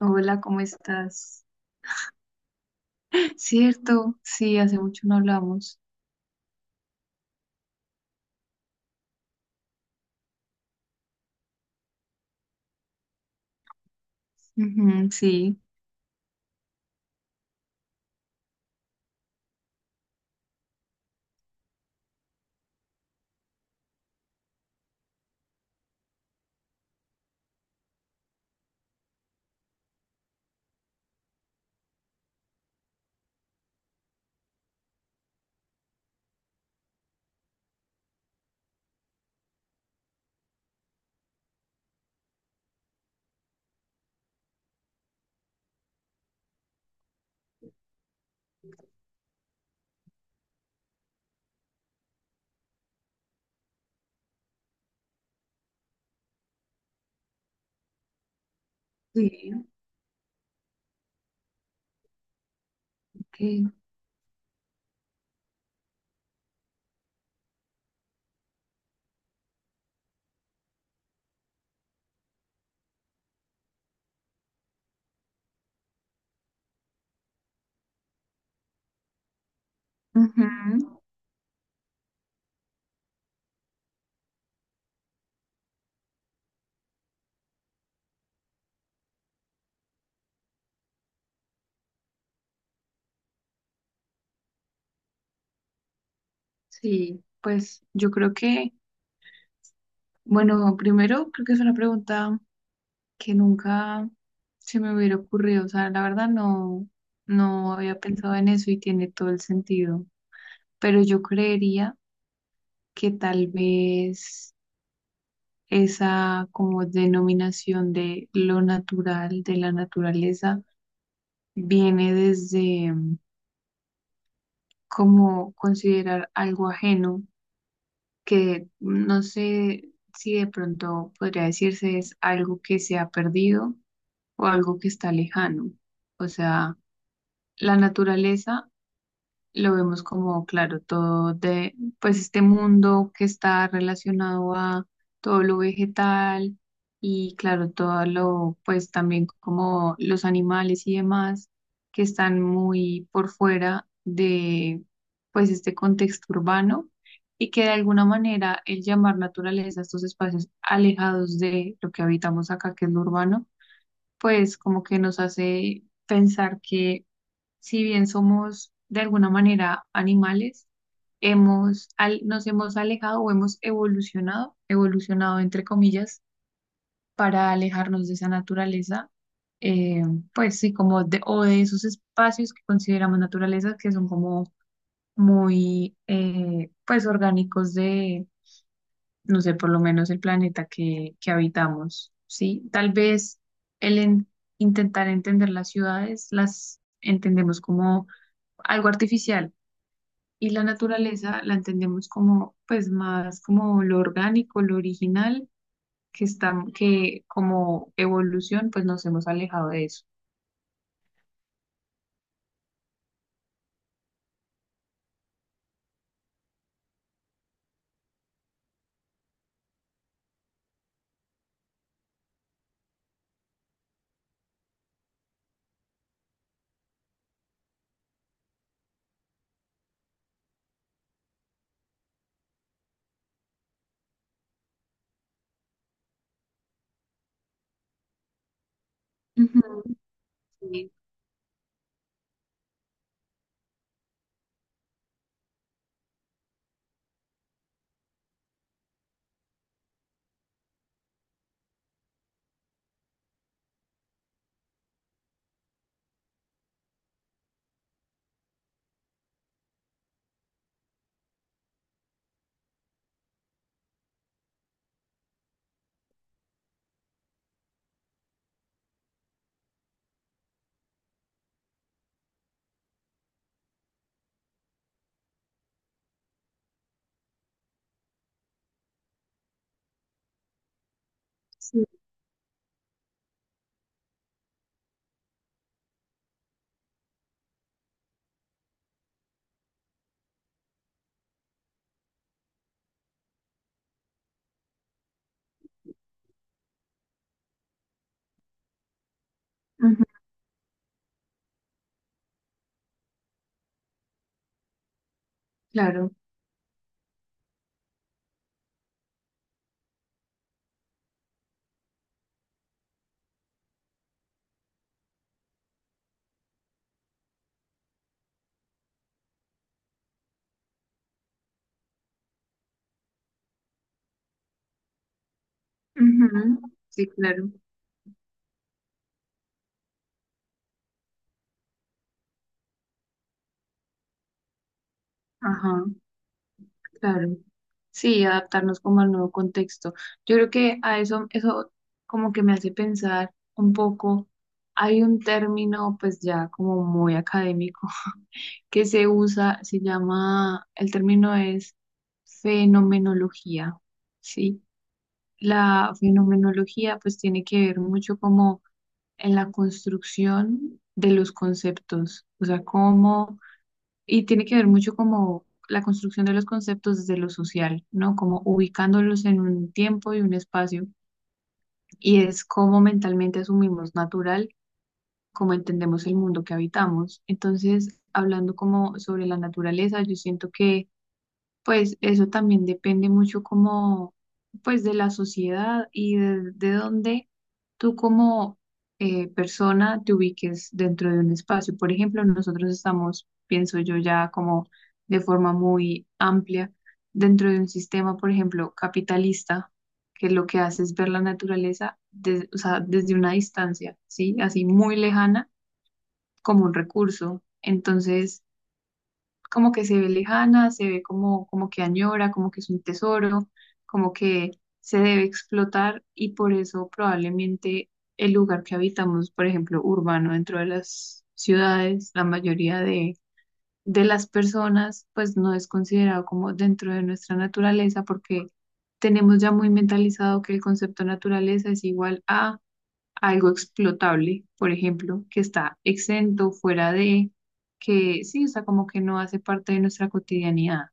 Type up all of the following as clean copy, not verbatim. Hola, ¿cómo estás? Cierto, sí, hace mucho no hablamos. Ujú, sí, sí, ok. Ujú, sí, pues yo creo bueno, primero creo que es una pregunta que nunca se me hubiera ocurrido. O sea, la verdad no había pensado en eso y tiene todo el sentido. Pero yo creería que tal vez esa como denominación de lo natural, de la naturaleza, viene desde como considerar algo ajeno, que no sé si de pronto podría decirse es algo que se ha perdido o algo que está lejano. O sea, la naturaleza lo vemos como, claro, todo pues este mundo que está relacionado a todo lo vegetal y, claro, todo lo, pues también como los animales y demás que están muy por fuera de, pues este contexto urbano y que de alguna manera el llamar naturaleza a estos espacios alejados de lo que habitamos acá, que es lo urbano, pues como que nos hace pensar que si bien somos de alguna manera animales, nos hemos alejado o hemos evolucionado entre comillas, para alejarnos de esa naturaleza, eh, pues sí, como de, o de esos espacios que consideramos naturaleza, que son como pues orgánicos de, no sé, por lo menos el planeta que habitamos, ¿sí? Tal vez el en- intentar entender las ciudades, las entendemos como algo artificial y la naturaleza la entendemos como, pues más como lo orgánico, lo original, que como evolución, pues nos hemos alejado de eso. Ujú, sí, sí, ujú, claro, ujú, sí, claro. Ajá, claro. Sí, adaptarnos como al nuevo contexto. Yo creo que a eso como que me hace pensar un poco, hay un término pues ya como muy académico que se usa, se llama, el término es fenomenología, ¿sí? La fenomenología pues tiene que ver mucho como en la construcción de los conceptos, o sea, y tiene que ver mucho como la construcción de los conceptos desde lo social, ¿no? Como ubicándolos en un tiempo y un espacio, y es cómo mentalmente asumimos natural cómo entendemos el mundo que habitamos. Entonces, hablando como sobre la naturaleza, yo siento que pues eso también depende mucho como, pues de la sociedad y de dónde tú como persona te ubiques dentro de un espacio. Por ejemplo, nosotros estamos, pienso yo, ya como de forma muy amplia dentro de un sistema, por ejemplo, capitalista, que lo que hace es ver la naturaleza o sea, desde una distancia, ¿sí? Así muy lejana como un recurso. Entonces como que se ve lejana, se ve como, como que añora, como que es un tesoro, como que se debe explotar y por eso probablemente el lugar que habitamos, por ejemplo, urbano dentro de las ciudades, la mayoría de las personas, pues no es considerado como dentro de nuestra naturaleza porque tenemos ya muy mentalizado que el concepto naturaleza es igual a algo explotable, por ejemplo, que está exento, fuera de, que sí, o sea, como que no hace parte de nuestra cotidianidad.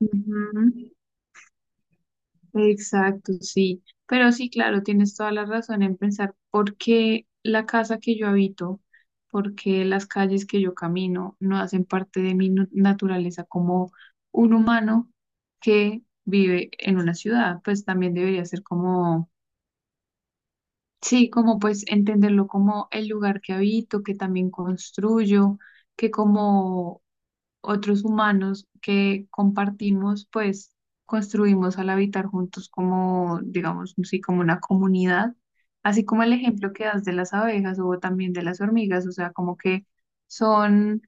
Ujú, exacto, sí. Pero sí, claro, tienes toda la razón en pensar por qué la casa que yo habito, por qué las calles que yo camino no hacen parte de mi naturaleza como un humano que vive en una ciudad, pues también debería ser como sí, como pues entenderlo como el lugar que habito, que también construyo, que como otros humanos que compartimos, pues construimos al habitar juntos como, digamos, sí, como una comunidad, así como el ejemplo que das de las abejas o también de las hormigas, o sea, como que son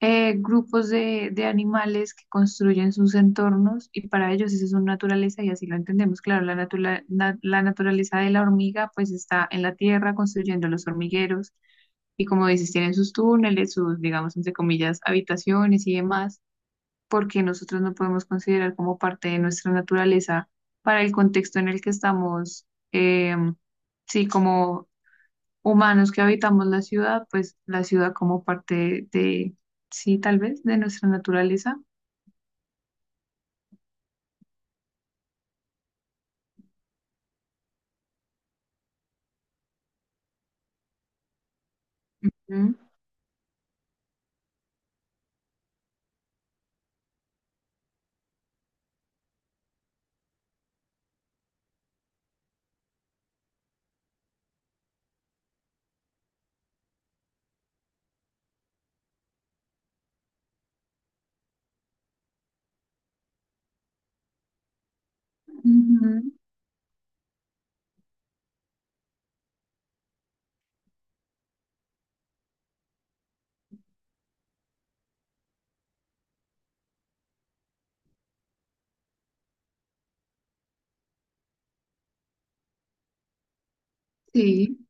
grupos de animales que construyen sus entornos y para ellos esa es su naturaleza y así lo entendemos. Claro, la naturaleza de la hormiga pues está en la tierra construyendo los hormigueros y como dices, tienen sus túneles, sus, digamos, entre comillas, habitaciones y demás, porque nosotros no podemos considerar como parte de nuestra naturaleza para el contexto en el que estamos, em, sí, como humanos que habitamos la ciudad, pues la ciudad como parte de, sí, tal vez, de nuestra naturaleza. Mm, ujú, sí,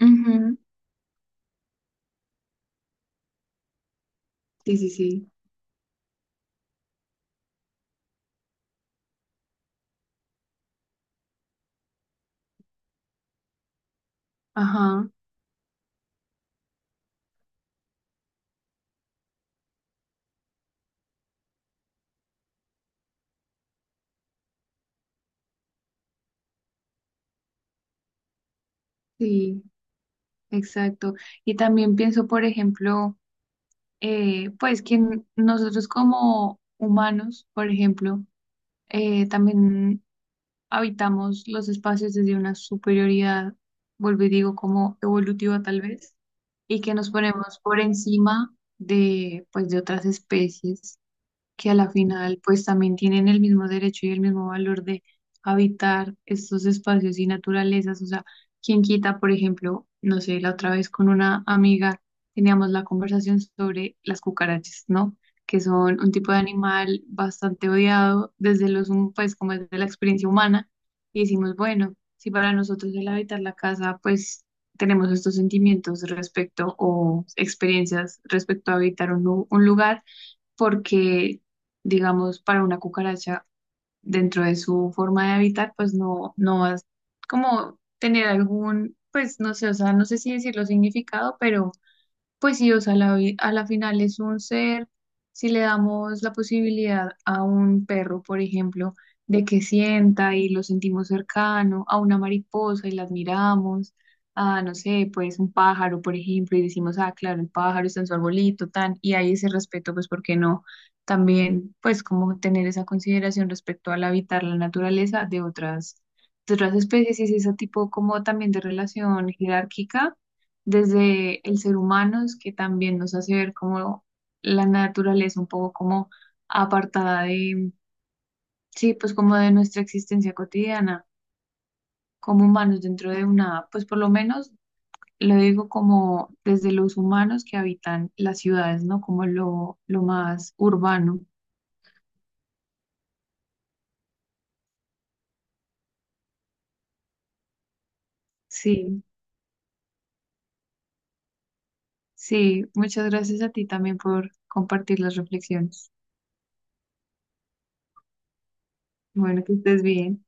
ujú, sí, sí, sí, ajá, sí, exacto. Y también pienso, por ejemplo, pues que nosotros como humanos, por ejemplo, también habitamos los espacios desde una superioridad, vuelvo y digo, como evolutiva tal vez, y que nos ponemos por encima de, pues, de otras especies que a la final pues también tienen el mismo derecho y el mismo valor de habitar estos espacios y naturalezas. O sea, quien quita, por ejemplo, no sé, la otra vez con una amiga teníamos la conversación sobre las cucarachas, ¿no? Que son un tipo de animal bastante odiado desde pues como desde la experiencia humana. Y decimos, bueno, si para nosotros el habitar la casa, pues tenemos estos sentimientos respecto o experiencias respecto a habitar un lugar porque, digamos, para una cucaracha, dentro de su forma de habitar, pues no vas como tener algún, pues no sé, o sea, no sé si decirlo significado, pero pues sí, o sea, a la final es un ser, si le damos la posibilidad a un perro, por ejemplo, de que sienta y lo sentimos cercano, a una mariposa y la admiramos, a, no sé, pues un pájaro, por ejemplo, y decimos, ah, claro, el pájaro está en su arbolito, tan, y hay ese respeto, pues, ¿por qué no? También, pues, como tener esa consideración respecto al habitar la naturaleza de otras especies y ese tipo como también de relación jerárquica desde el ser humano, es que también nos hace ver como la naturaleza un poco como apartada de, sí, pues como de nuestra existencia cotidiana, como humanos dentro de una, pues por lo menos lo digo como desde los humanos que habitan las ciudades, ¿no? Como lo más urbano. Sí, sí, muchas gracias a ti también por compartir las reflexiones. Bueno, que estés bien.